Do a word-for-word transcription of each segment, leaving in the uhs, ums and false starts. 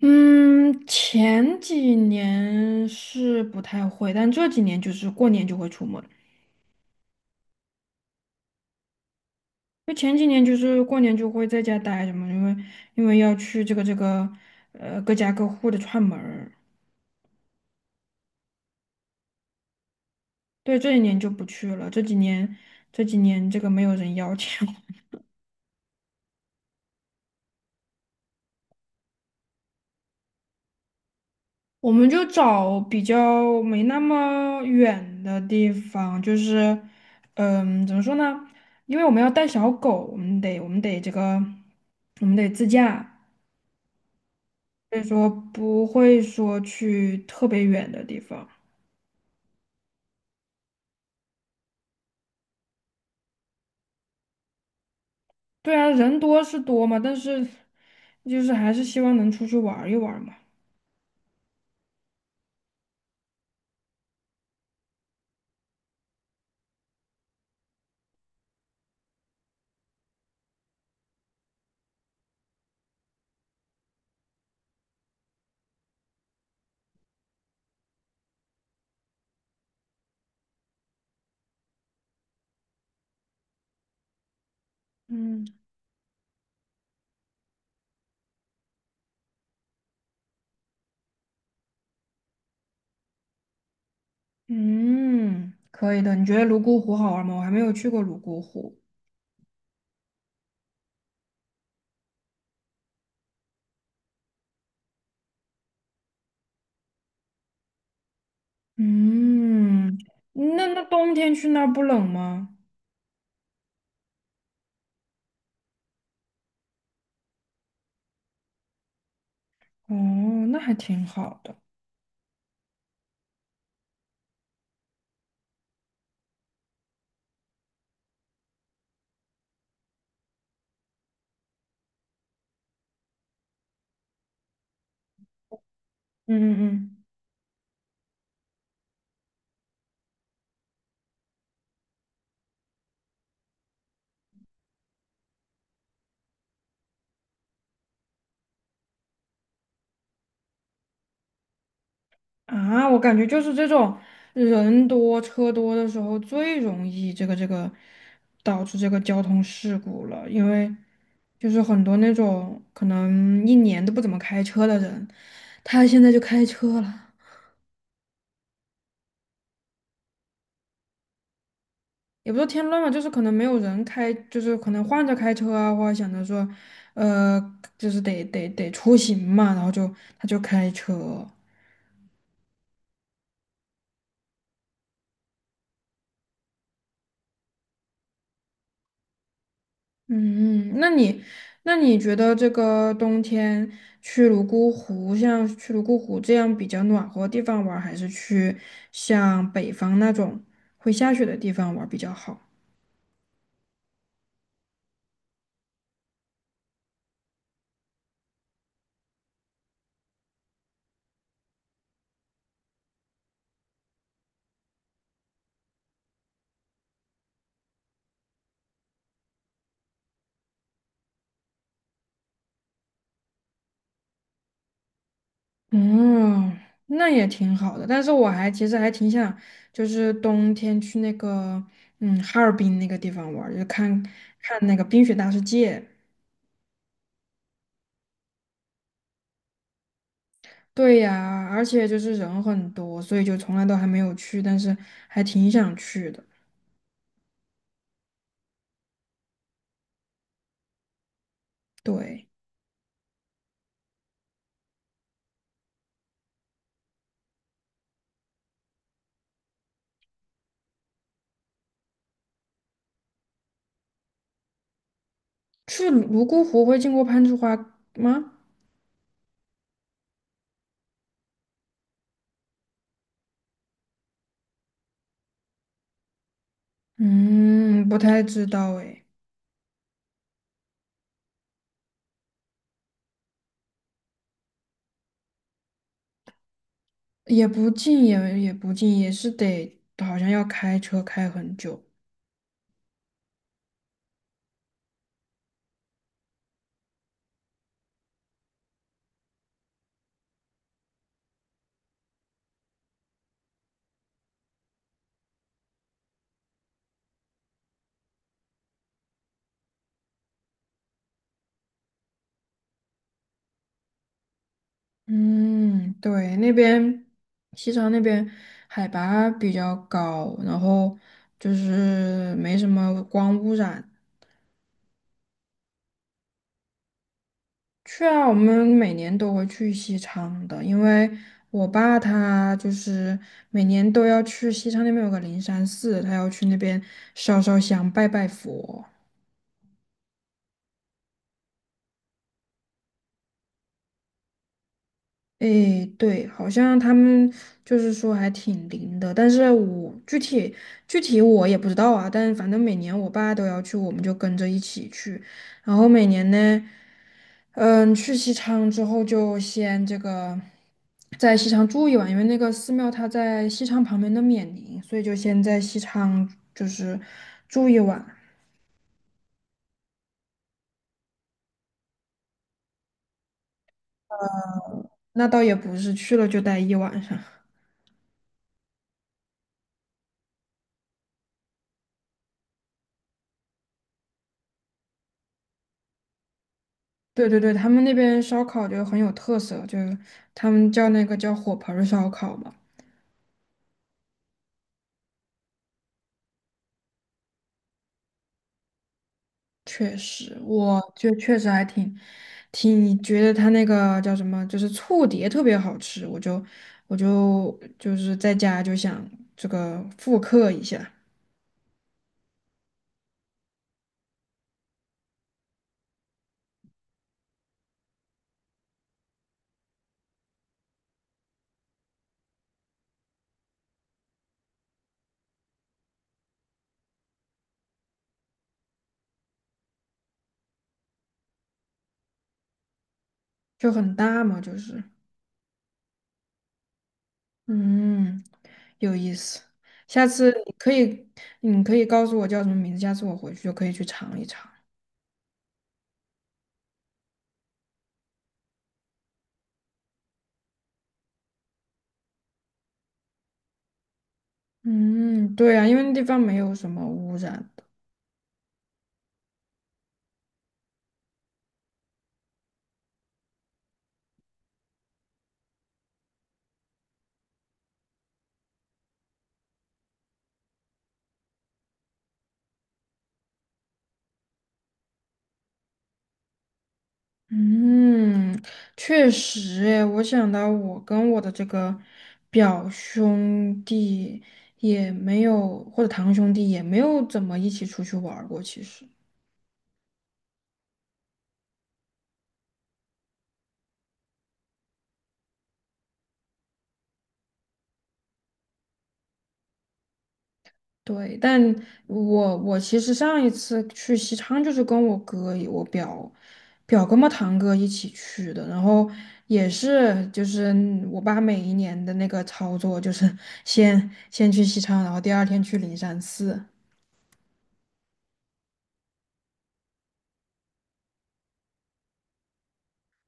嗯，前几年是不太会，但这几年就是过年就会出门。就前几年就是过年就会在家待着嘛，因为因为要去这个这个呃各家各户的串门儿。对，这几年就不去了，这几年这几年这个没有人邀请我，我们就找比较没那么远的地方，就是嗯，怎么说呢？因为我们要带小狗，我们得我们得这个我们得自驾。所以说不会说去特别远的地方。对啊，人多是多嘛，但是就是还是希望能出去玩儿一玩儿嘛。嗯，嗯，可以的。你觉得泸沽湖好玩吗？我还没有去过泸沽湖。嗯，那那冬天去那儿不冷吗？哦，那还挺好的。嗯嗯嗯。啊，我感觉就是这种人多车多的时候最容易这个这个导致这个交通事故了，因为就是很多那种可能一年都不怎么开车的人，他现在就开车了，也不是添乱嘛，就是可能没有人开，就是可能换着开车啊，或者想着说，呃，就是得得得出行嘛，然后就他就开车。嗯，那你那你觉得这个冬天去泸沽湖，像去泸沽湖这样比较暖和的地方玩儿还是去像北方那种会下雪的地方玩儿比较好？嗯，那也挺好的，但是我还其实还挺想，就是冬天去那个嗯哈尔滨那个地方玩儿，就看看那个冰雪大世界。对呀，而且就是人很多，所以就从来都还没有去，但是还挺想去的。对。去泸沽湖会经过攀枝花吗？嗯，不太知道哎，也不近，也也不近，也是得好像要开车开很久。嗯，对，那边西昌那边海拔比较高，然后就是没什么光污染。去啊，我们每年都会去西昌的，因为我爸他就是每年都要去西昌那边有个灵山寺，他要去那边烧烧香、拜拜佛。诶，对，好像他们就是说还挺灵的，但是我具体具体我也不知道啊，但反正每年我爸都要去，我们就跟着一起去，然后每年呢，嗯，去西昌之后就先这个在西昌住一晚，因为那个寺庙它在西昌旁边的冕宁，所以就先在西昌就是住一晚，那倒也不是去了就待一晚上。对对对，他们那边烧烤就很有特色，就是他们叫那个叫火盆儿烧烤嘛。确实，我就确实还挺挺觉得他那个叫什么，就是醋碟特别好吃，我就我就就是在家就想这个复刻一下，就很大嘛，就是嗯，有意思。下次你可以你可以告诉我叫什么名字，下次我回去就可以去尝一尝。嗯，对啊，因为那地方没有什么污染。嗯，确实诶，我想到我跟我的这个表兄弟也没有，或者堂兄弟也没有怎么一起出去玩儿过。其实，对，但我我其实上一次去西昌就是跟我哥、我表表哥嘛、堂哥一起去的，然后也是就是我爸每一年的那个操作，就是先先去西昌，然后第二天去灵山寺。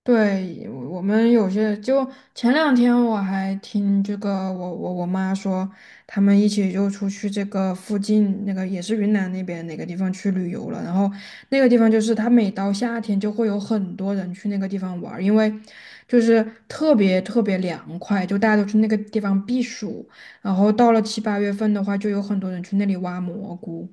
对，我们有些就前两天我还听这个我我我妈说，他们一起就出去这个附近那个也是云南那边哪个地方去旅游了，然后那个地方就是它每到夏天就会有很多人去那个地方玩儿，因为就是特别特别凉快，就大家都去那个地方避暑，然后到了七八月份的话，就有很多人去那里挖蘑菇。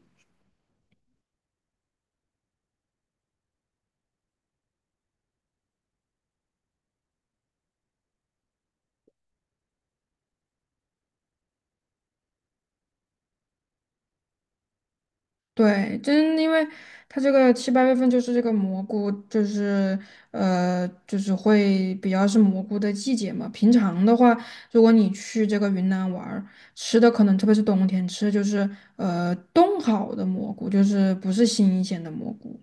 对，真因为它这个七八月份就是这个蘑菇，就是呃，就是会比较是蘑菇的季节嘛。平常的话，如果你去这个云南玩儿，吃的可能特别是冬天吃，就是呃冻好的蘑菇，就是不是新鲜的蘑菇。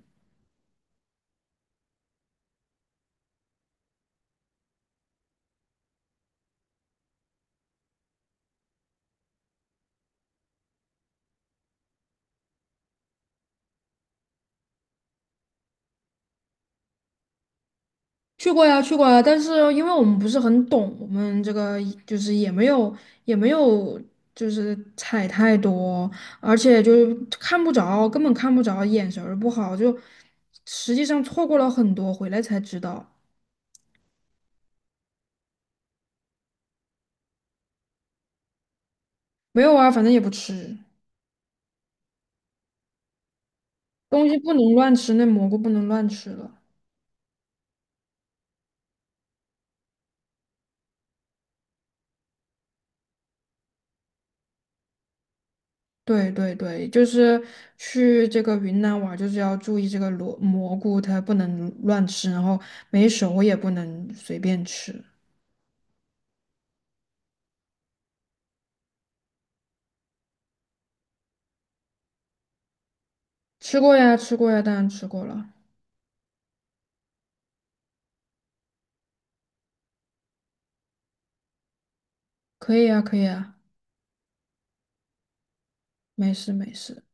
去过呀，去过呀，但是因为我们不是很懂，我们这个就是也没有也没有就是踩太多，而且就是看不着，根本看不着，眼神儿不好，就实际上错过了很多，回来才知道。没有啊，反正也不吃，东西不能乱吃，那蘑菇不能乱吃了。对对对，就是去这个云南玩儿就是要注意这个蘑蘑菇，它不能乱吃，然后没熟也不能随便吃。吃过呀，吃过呀，当然吃过了，可以呀，可以呀，没事没事。